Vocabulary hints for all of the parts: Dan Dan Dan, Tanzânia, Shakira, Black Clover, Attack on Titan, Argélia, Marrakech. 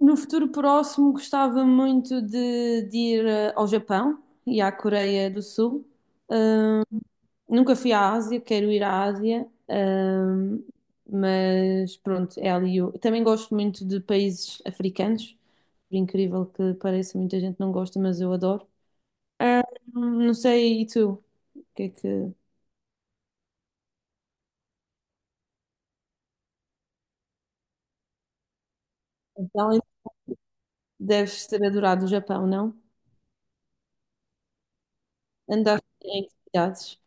No futuro próximo, gostava muito de ir ao Japão e à Coreia do Sul. Nunca fui à Ásia, quero ir à Ásia, mas pronto, é ali. Também gosto muito de países africanos, por incrível que pareça, muita gente não gosta, mas eu adoro. Ah, não sei, e tu? O que é que. Então, deves ter adorado o Japão, não? Andaste em que cidades?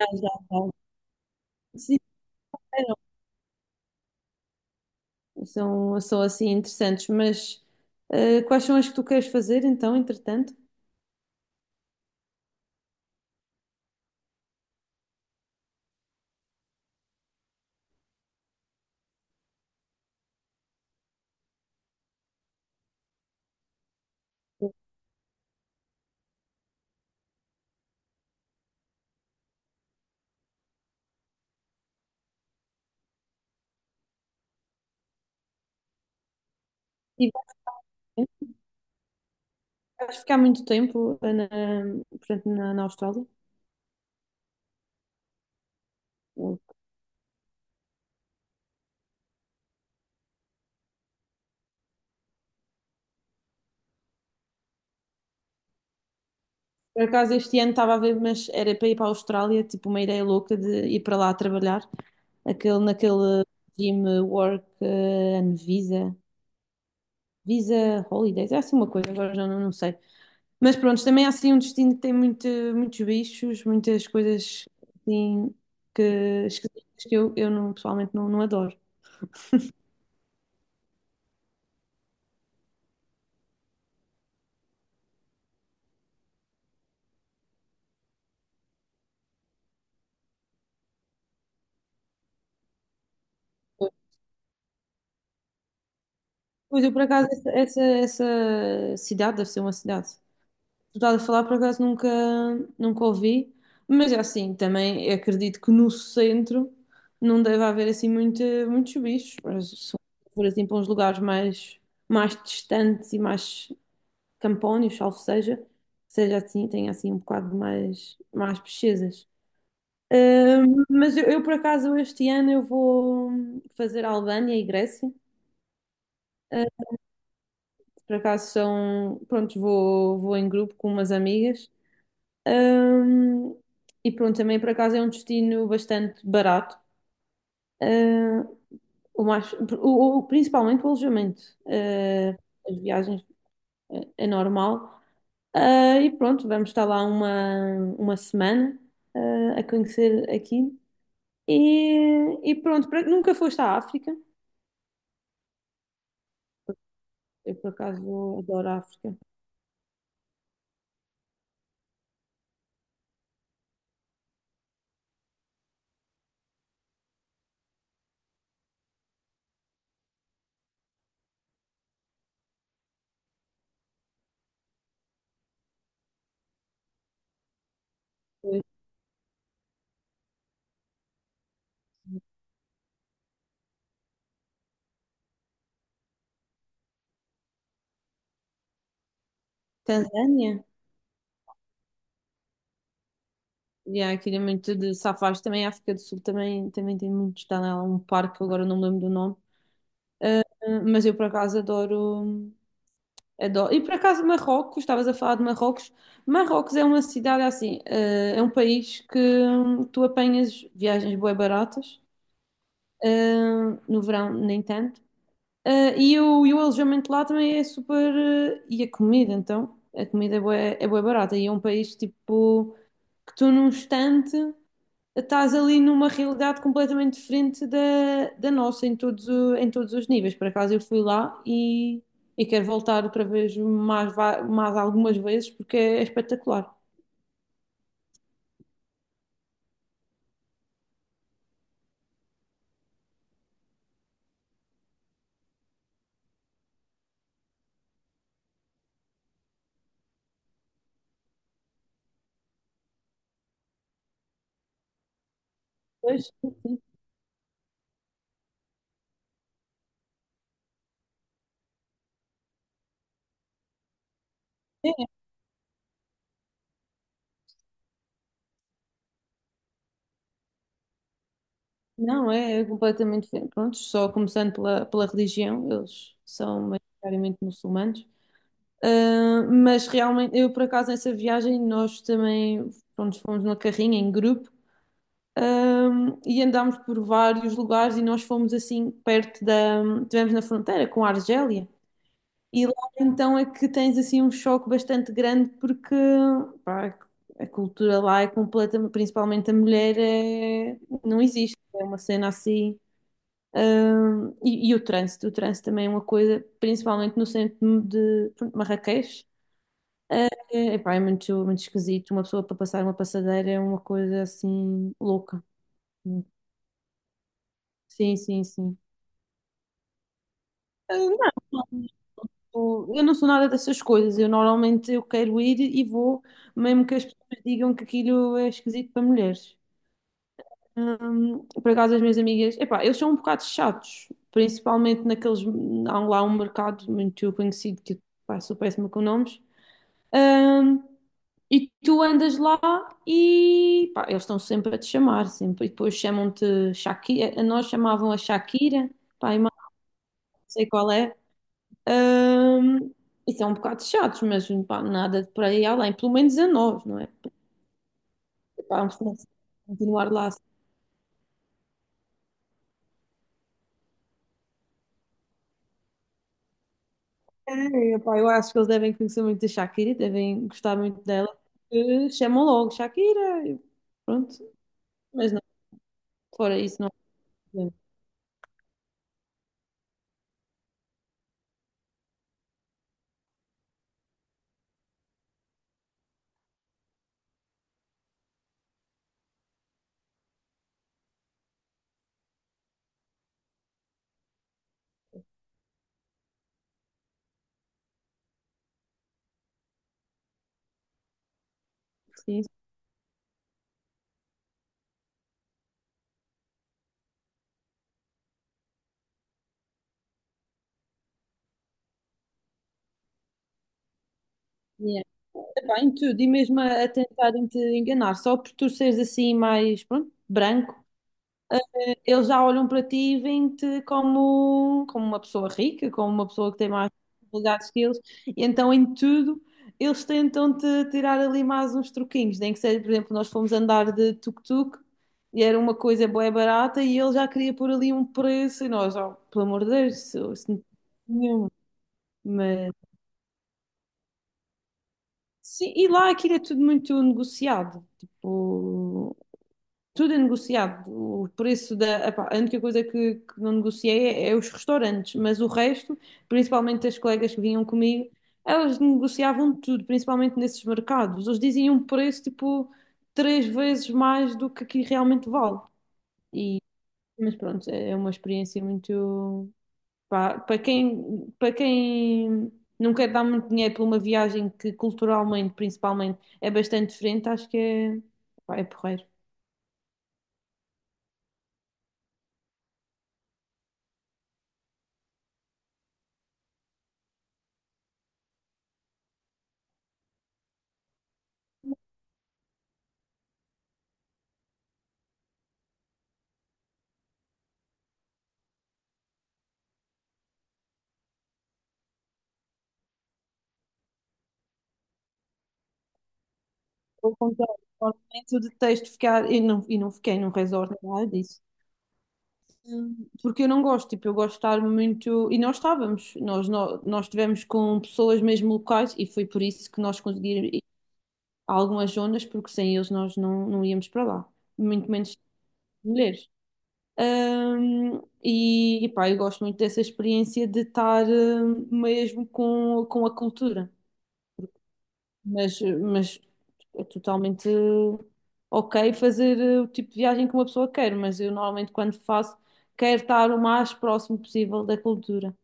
Ah, já, já. Sim, são assim interessantes, mas quais são as que tu queres fazer então, entretanto? E vais ficar muito tempo na, portanto, na Austrália? Por acaso este ano estava a ver, mas era para ir para a Austrália, tipo uma ideia louca de ir para lá trabalhar, naquele regime work and visa, visa holidays, é assim uma coisa, agora já não, não sei. Mas pronto, também é assim um destino que tem muitos bichos, muitas coisas assim que esquisitas que eu pessoalmente não, não adoro. Pois eu por acaso essa cidade deve ser uma cidade. Estás a falar, por acaso nunca ouvi, mas é assim, também acredito que no centro não deve haver assim muitos bichos, mas se for assim para uns lugares mais distantes e mais campónios, salvo seja, seja assim, tenha assim um bocado mais pesquisas. Mas por acaso este ano eu vou fazer Albânia e Grécia. Ah, por acaso são, pronto, vou em grupo com umas amigas. Ahm, e pronto, também por acaso é um destino bastante barato. Ah, o mais, o- principalmente o alojamento. Ah, as viagens é, normal. Ah, e pronto, vamos estar lá uma semana, ah, a conhecer aqui. E pronto, nunca foste à África? Eu por acaso adoro a África. Foi Tanzânia? E há aquilo é muito de safaris também, a África do Sul também, também tem muitos. Está lá um parque, agora não me lembro do nome. Mas eu por acaso adoro. E por acaso Marrocos, estavas a falar de Marrocos. Marrocos é uma cidade assim, é um país que tu apanhas viagens bué baratas, no verão nem tanto. E o alojamento lá também é super. Uh, e a comida, então, a comida é é bué barata. E é um país tipo que tu num instante estás ali numa realidade completamente diferente da nossa em em todos os níveis. Por acaso eu fui lá e quero voltar outra vez mais, mais algumas vezes porque é espetacular. Pois, sim, sim. É, não, é, é completamente diferente. Pronto, só começando pela religião, eles são maioritariamente muçulmanos. Ah, mas realmente, eu por acaso nessa viagem, nós também pronto, fomos numa carrinha em grupo. E andámos por vários lugares e nós fomos assim perto da. Estivemos na fronteira com a Argélia. E lá então é que tens assim um choque bastante grande porque pá, a cultura lá é completa, principalmente a mulher é- não existe. É uma cena assim. E o o trânsito também é uma coisa, principalmente no centro de pronto, Marrakech. É, Pá, é muito esquisito. Uma pessoa para passar uma passadeira é uma coisa assim louca. Sim, sim, sim. Ah, não, não, eu não sou nada dessas coisas. Eu normalmente eu quero ir e vou, mesmo que as pessoas digam que aquilo é esquisito para mulheres. Por acaso, as minhas amigas, epá, eles são um bocado chatos, principalmente naqueles. Há lá um mercado muito conhecido que pá, sou péssima com nomes. Hum, e tu andas lá e pá, eles estão sempre a te chamar, sempre. E depois chamam-te Shakira. A nós chamavam a Shakira, pá, e mais não sei qual é. Ahm, e são um bocado chatos, mas pá, nada de por aí além, pelo menos a nós, não é? Porque, pá, vamos ter que continuar lá. É, pá, eu acho que eles devem conhecer muito da Shakira, devem gostar muito dela, porque chamam logo Shakira, e pronto, mas não, fora isso, não há problema. Sim, sim, é. Epá, em tudo, e mesmo a tentarem te enganar, só por tu seres assim mais, pronto, branco. Eles já olham para ti e veem-te como uma pessoa rica, como uma pessoa que tem mais possibilidades que eles, e então em tudo eles tentam-te tirar ali mais uns truquinhos, nem que seja, por exemplo, nós fomos andar de tuk-tuk e era uma coisa bué barata e ele já queria pôr ali um preço e nós, oh, pelo amor de Deus, isso não tem nenhuma. Mas, sim, e lá aquilo é tudo muito negociado, tipo. Tudo é negociado. O preço da. Epá, a única coisa que não negociei é os restaurantes, mas o resto, principalmente as colegas que vinham comigo, elas negociavam tudo, principalmente nesses mercados. Eles diziam um preço tipo três vezes mais do que aqui realmente vale. E, mas pronto, é uma experiência muito. Pá, para para quem não quer dar muito dinheiro por uma viagem que culturalmente, principalmente, é bastante diferente, acho que é, pá, é porreiro. Pelo contrário, normalmente eu detesto ficar, e não fiquei num resort, nem nada disso. Porque eu não gosto, tipo, eu gosto de estar muito. E nós estávamos, nós, nó- nós estivemos com pessoas mesmo locais e foi por isso que nós conseguimos ir a algumas zonas, porque sem eles nós não, não íamos para lá, muito menos mulheres. E pá, eu gosto muito dessa experiência de estar mesmo com a cultura. Mas é totalmente ok fazer o tipo de viagem que uma pessoa quer, mas eu normalmente quando faço, quero estar o mais próximo possível da cultura.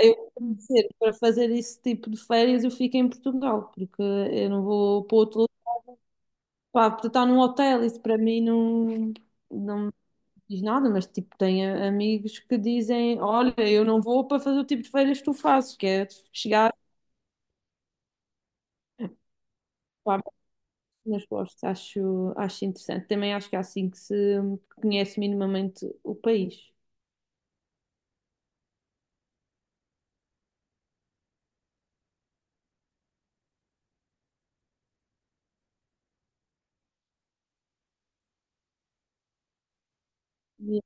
Eu, tenho de para fazer esse tipo de férias, eu fico em Portugal, porque eu não vou para outro lugar, para estar num hotel, isso para mim não, não me diz nada, mas tipo, tenho amigos que dizem, olha, eu não vou para fazer o tipo de férias que tu fazes, que é chegar. Mas gosto, acho interessante. Também acho que é assim que se conhece minimamente o país. E,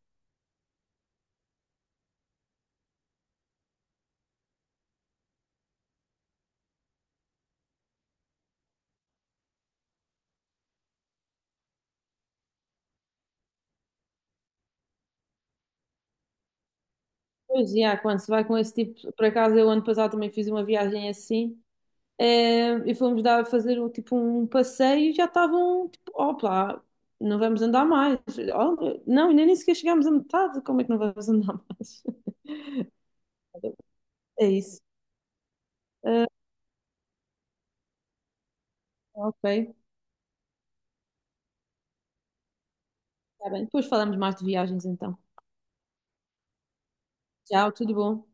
Pois, e quando se vai com esse tipo, por acaso eu ano passado também fiz uma viagem assim, e fomos dar, fazer o, tipo um passeio e já estavam tipo, opa, não vamos andar mais. Oh, não, ainda nem sequer chegámos à metade, como é que não vamos andar mais? É isso. Eh, ok, está bem. Depois falamos mais de viagens então. Tchau, tudo bom.